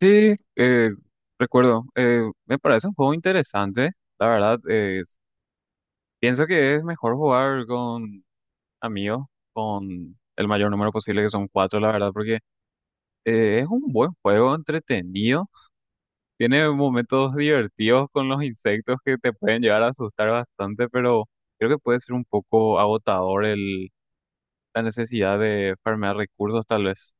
Sí, recuerdo, me parece un juego interesante, la verdad, pienso que es mejor jugar con amigos, con el mayor número posible, que son cuatro, la verdad, porque es un buen juego, entretenido, tiene momentos divertidos con los insectos que te pueden llegar a asustar bastante, pero creo que puede ser un poco agotador la necesidad de farmear recursos, tal vez.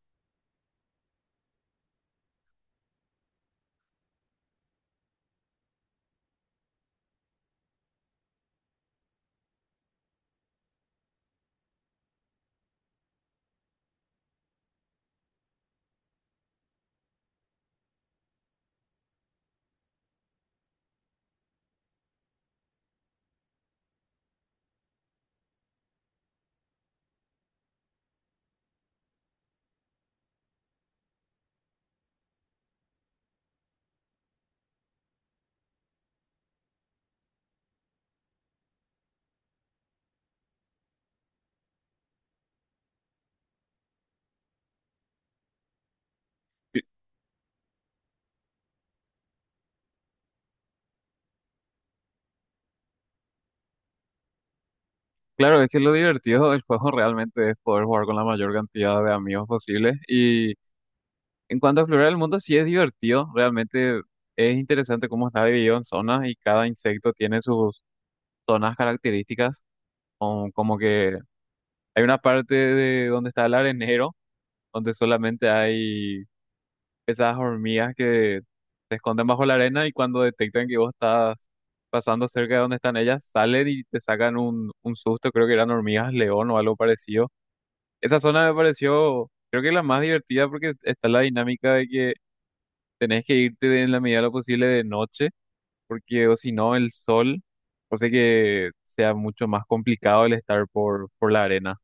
Y Claro, es que lo divertido del juego realmente es poder jugar con la mayor cantidad de amigos posible y en cuanto a explorar el mundo, sí es divertido, realmente es interesante cómo está dividido en zonas y cada insecto tiene sus zonas características, como que hay una parte de donde está el arenero, donde solamente hay esas hormigas que se esconden bajo la arena y cuando detectan que vos estás pasando cerca de donde están ellas, salen y te sacan un susto, creo que eran hormigas león o algo parecido. Esa zona me pareció, creo que la más divertida porque está la dinámica de que tenés que irte en la medida de lo posible de noche, porque o si no, el sol hace que sea mucho más complicado el estar por la arena.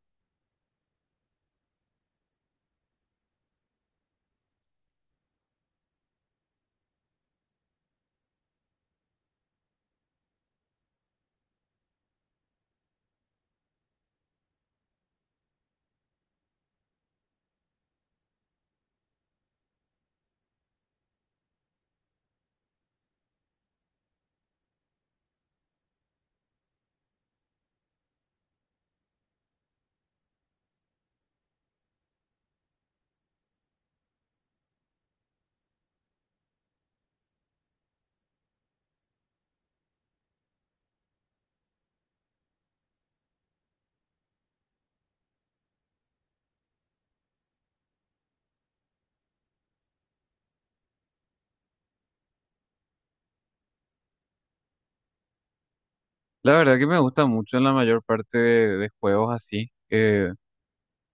La verdad que me gusta mucho en la mayor parte de juegos así.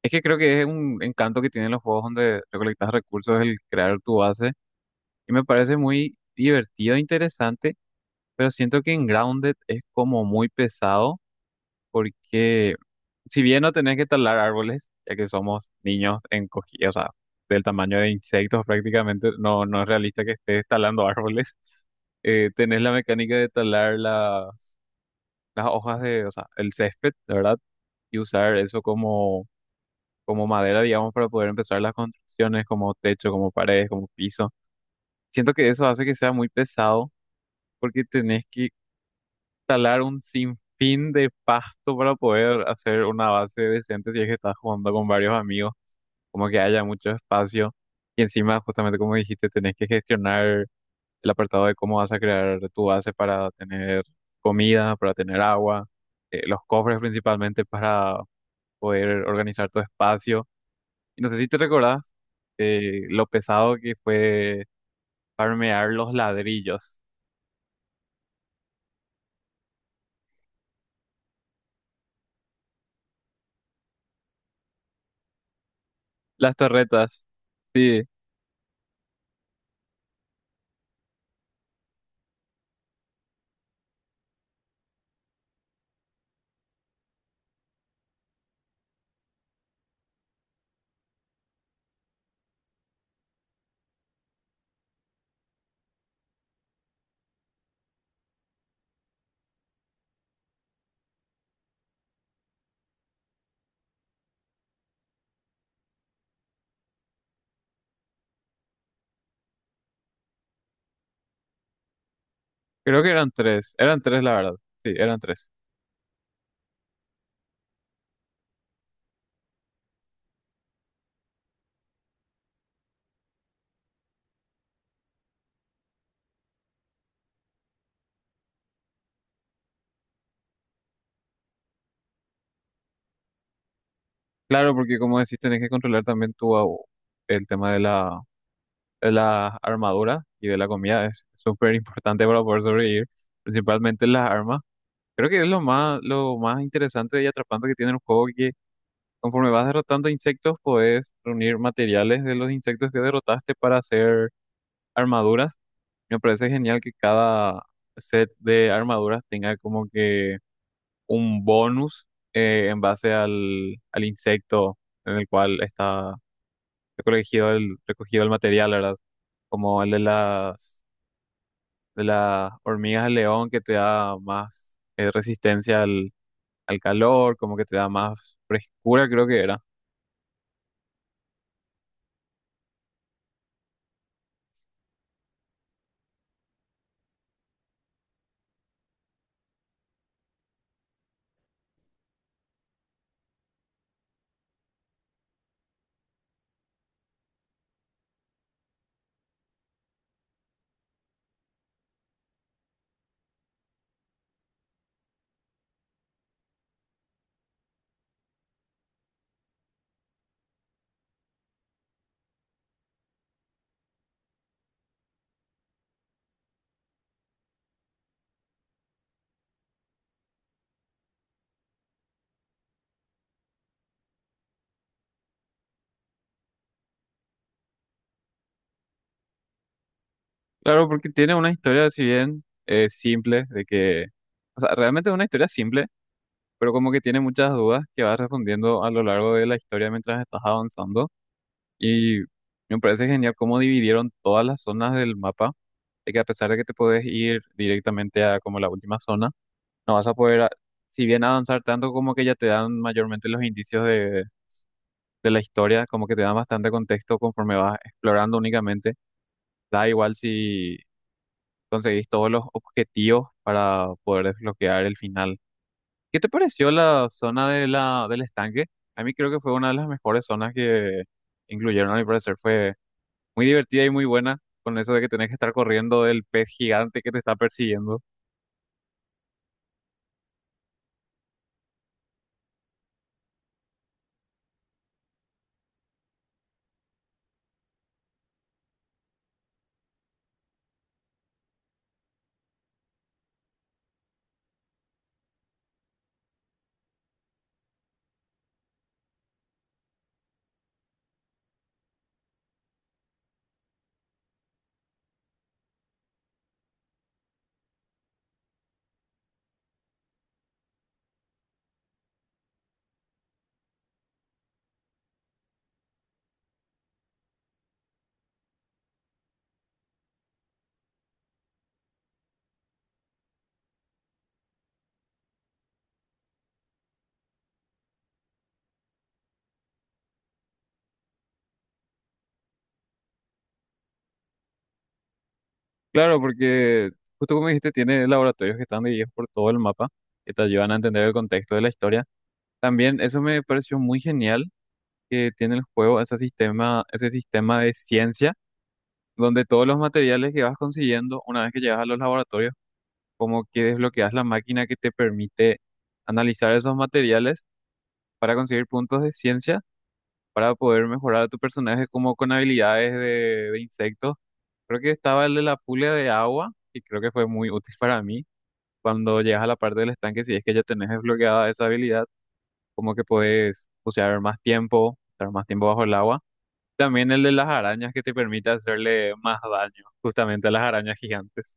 Es que creo que es un encanto que tienen los juegos donde recolectas recursos, el crear tu base, y me parece muy divertido e interesante, pero siento que en Grounded es como muy pesado, porque si bien no tenés que talar árboles, ya que somos niños o sea, del tamaño de insectos prácticamente, no, no es realista que estés talando árboles. Tenés la mecánica de talar las hojas de, o sea, el césped, la verdad, y usar eso como, como madera, digamos, para poder empezar las construcciones, como techo, como paredes, como piso. Siento que eso hace que sea muy pesado, porque tenés que talar un sinfín de pasto para poder hacer una base decente si es que estás jugando con varios amigos, como que haya mucho espacio y encima, justamente como dijiste, tenés que gestionar el apartado de cómo vas a crear tu base para tener comida, para tener agua, los cofres principalmente para poder organizar tu espacio. Y no sé si te recordás lo pesado que fue farmear los ladrillos, las torretas. Sí, creo que eran tres la verdad, sí, eran tres. Claro, porque como decís, tenés que controlar también el tema de la armadura y de la comida es súper importante para poder sobrevivir, principalmente las armas. Creo que es lo más interesante y atrapante que tiene el juego, que conforme vas derrotando insectos, podés reunir materiales de los insectos que derrotaste para hacer armaduras. Me parece genial que cada set de armaduras tenga como que un bonus en base al insecto en el cual está recogido el material, ¿verdad? Como el de las hormigas de león que te da más resistencia al calor, como que te da más frescura, creo que era. Claro, porque tiene una historia, si bien simple, de que, o sea, realmente es una historia simple, pero como que tiene muchas dudas que vas respondiendo a lo largo de la historia mientras estás avanzando. Y me parece genial cómo dividieron todas las zonas del mapa, de que a pesar de que te puedes ir directamente a como la última zona, no vas a poder, si bien avanzar tanto, como que ya te dan mayormente los indicios de la historia, como que te dan bastante contexto conforme vas explorando únicamente. Da igual si conseguís todos los objetivos para poder desbloquear el final. ¿Qué te pareció la zona de del estanque? A mí creo que fue una de las mejores zonas que incluyeron, a mi parecer. Fue muy divertida y muy buena con eso de que tenés que estar corriendo del pez gigante que te está persiguiendo. Claro, porque justo como dijiste, tiene laboratorios que están divididos por todo el mapa, que te ayudan a entender el contexto de la historia. También eso me pareció muy genial que tiene el juego ese sistema de ciencia, donde todos los materiales que vas consiguiendo, una vez que llegas a los laboratorios, como que desbloqueas la máquina que te permite analizar esos materiales para conseguir puntos de ciencia, para poder mejorar a tu personaje como con habilidades de insectos. Creo que estaba el de la pulga de agua, y creo que fue muy útil para mí. Cuando llegas a la parte del estanque, si es que ya tenés desbloqueada esa habilidad, como que puedes bucear más tiempo, estar más tiempo bajo el agua. También el de las arañas que te permite hacerle más daño justamente a las arañas gigantes.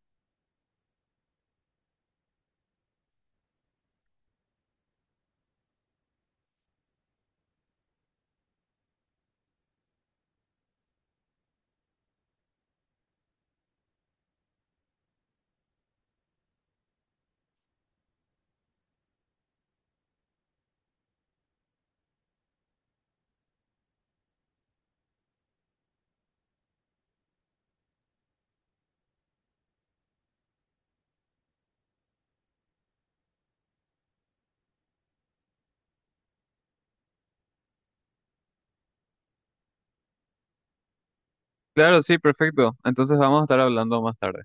Claro, sí, perfecto. Entonces vamos a estar hablando más tarde.